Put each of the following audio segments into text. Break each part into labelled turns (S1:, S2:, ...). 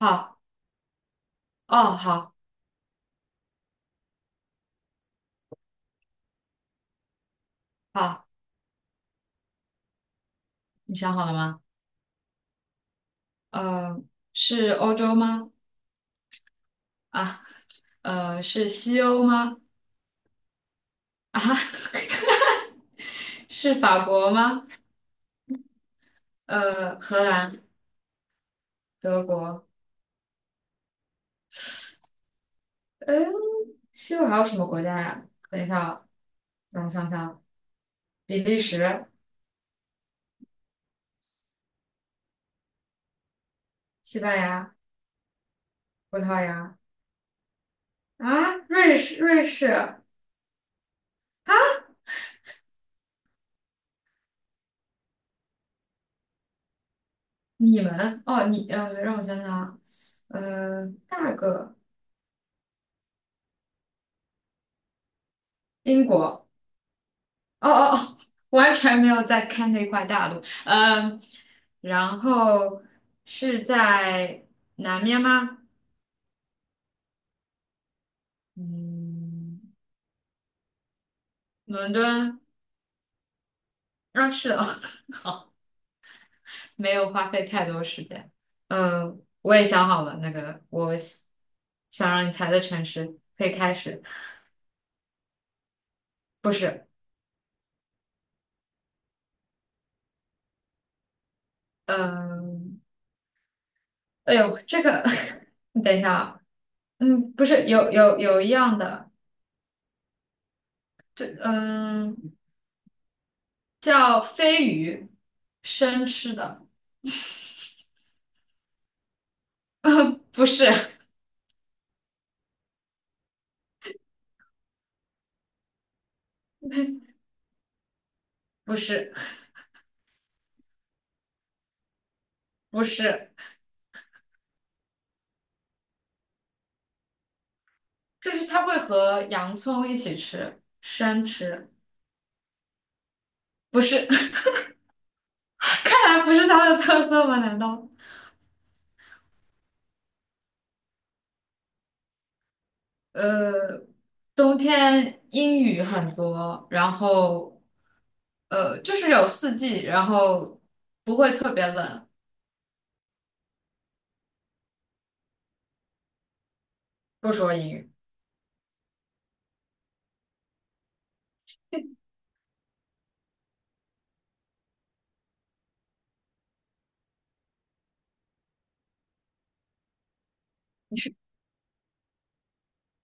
S1: 好。哦，好。好。你想好了吗？呃，是欧洲吗？啊，是西欧吗？啊，是法国吗？荷兰、德国，哎，西欧还有什么国家呀？等一下啊，让我想想啊，比利时、西班牙、葡萄牙，啊，瑞士、瑞士，啊，你们哦，让我想想啊，大个英国。哦哦哦，完全没有在看那块大陆，嗯，然后是在南面吗？嗯，伦敦。啊，是哦。好，没有花费太多时间。嗯，我也想好了，那个我想让你猜的城市可以开始。不是。嗯，哎呦，这个，你等一下啊。嗯，不是，有一样的，这嗯。叫飞鱼，生吃的。不是。不是，不是，就是它会和洋葱一起吃，生吃。不是。看来不是它的特色吗？难道？呃，冬天阴雨很多，然后就是有四季，然后不会特别冷。不说英语。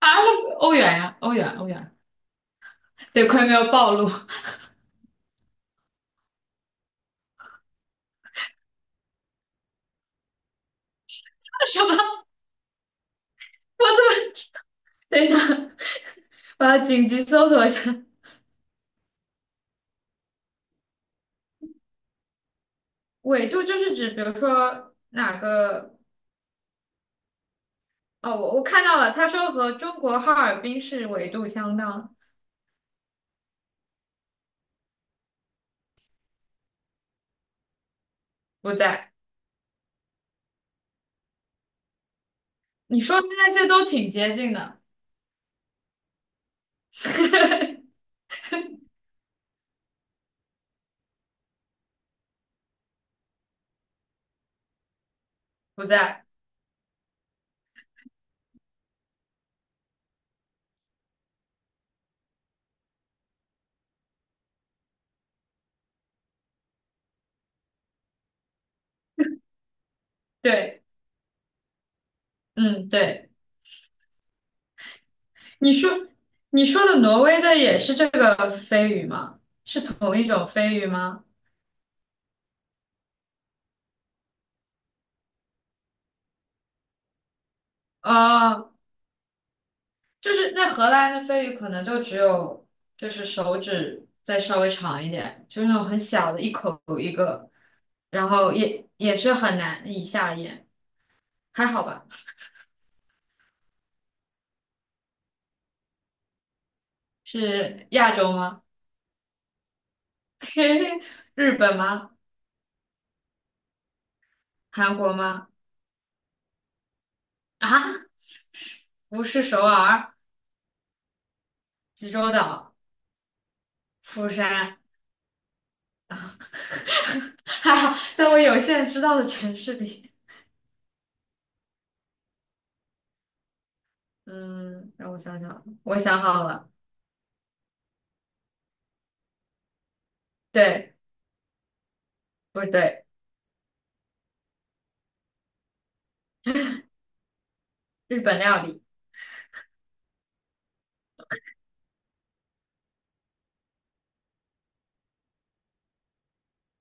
S1: 啊，那欧元呀，欧元，欧元，得亏没有暴露。什么？我怎么？等一下，我要紧急搜索一下。纬度就是指，比如说哪个？哦，我看到了，他说和中国哈尔滨市纬度相当。不在。你说的那些都挺接近的。不在。对。嗯，对。你说你说的挪威的也是这个飞鱼吗？是同一种飞鱼吗？哦，就是那荷兰的鲱鱼可能就只有就是手指再稍微长一点，就是那种很小的，一口一个，然后也是很难以下咽，还好吧？是亚洲吗？日本吗？韩国吗？啊，不是首尔、济州岛、釜山。啊，还好在我有限知道的城市里。嗯，让我想想，我想好了。对。不对。日本料理。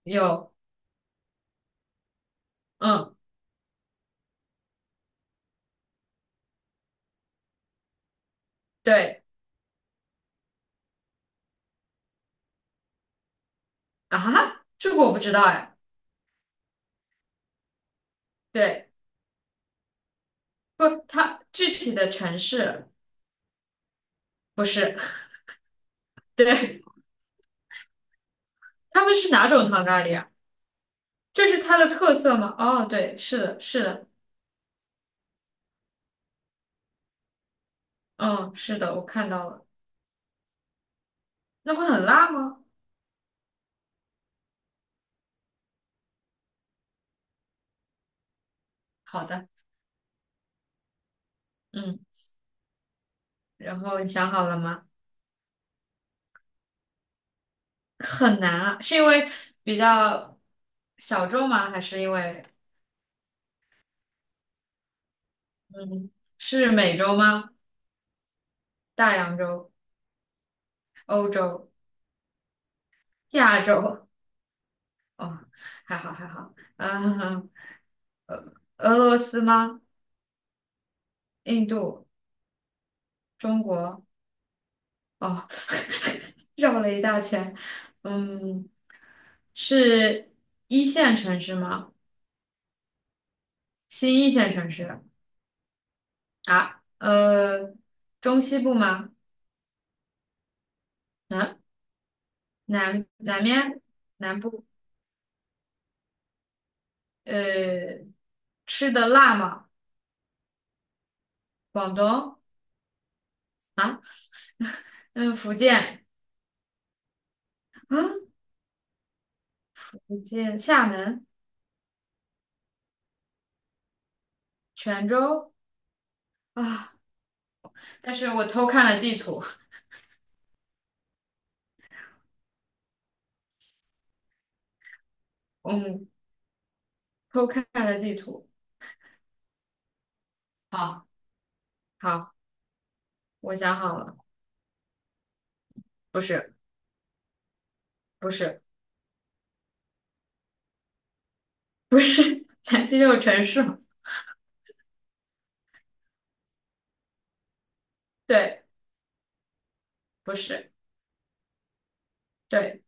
S1: 有。嗯，对。啊哈，这个我不知道哎。对。不，它具体的城市不是。对。他们是哪种糖咖喱啊？这是它的特色吗？哦，对，是的，是的。嗯，是的，我看到了。那会很辣吗？好的。嗯，然后你想好了吗？很难啊，是因为比较小众吗？还是因为嗯，是美洲吗？大洋洲、欧洲、亚洲？哦，还好还好。嗯，俄罗斯吗？印度、中国？哦，绕了一大圈。嗯，是一线城市吗？新一线城市？啊？中西部吗？南南面南部？呃，吃的辣吗？广东？啊？嗯，福建？啊？福建厦门、泉州？啊？但是我偷看了地图。嗯，偷看了地图。好。好，我想好了。不是。不是。不是。南极这就有城市吗？对。不是。对。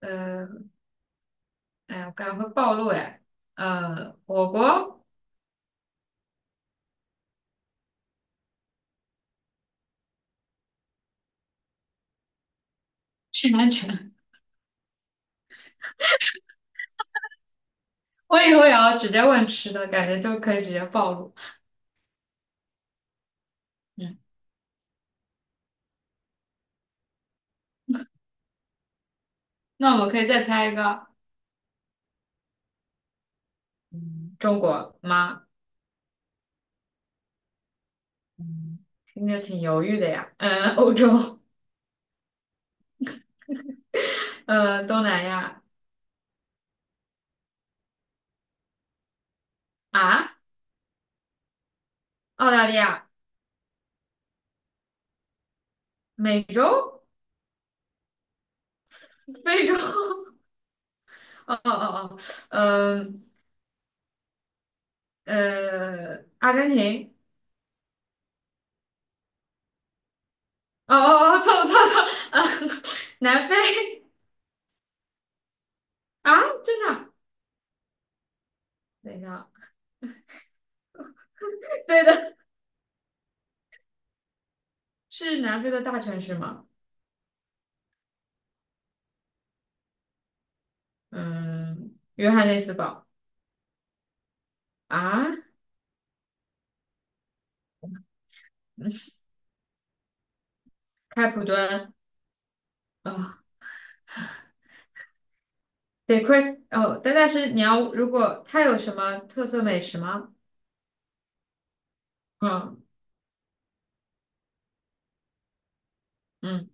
S1: 呃，哎呀，我感觉会暴露哎，我国 是南城。我以后也要直接问吃的，感觉就可以直接暴露。嗯，那我们可以再猜一个。嗯，中国吗？嗯，听着挺犹豫的呀。嗯，欧洲。东南亚。啊，澳大利亚。美洲。非洲。哦哦哦。哦，嗯，阿根廷。哦哦哦，错了,啊。南非。啊，真的啊？等一下啊。对的。是南非的大城市吗？嗯，约翰内斯堡。啊，开普敦。啊，得亏哦，但是你要如果它有什么特色美食吗？嗯。嗯。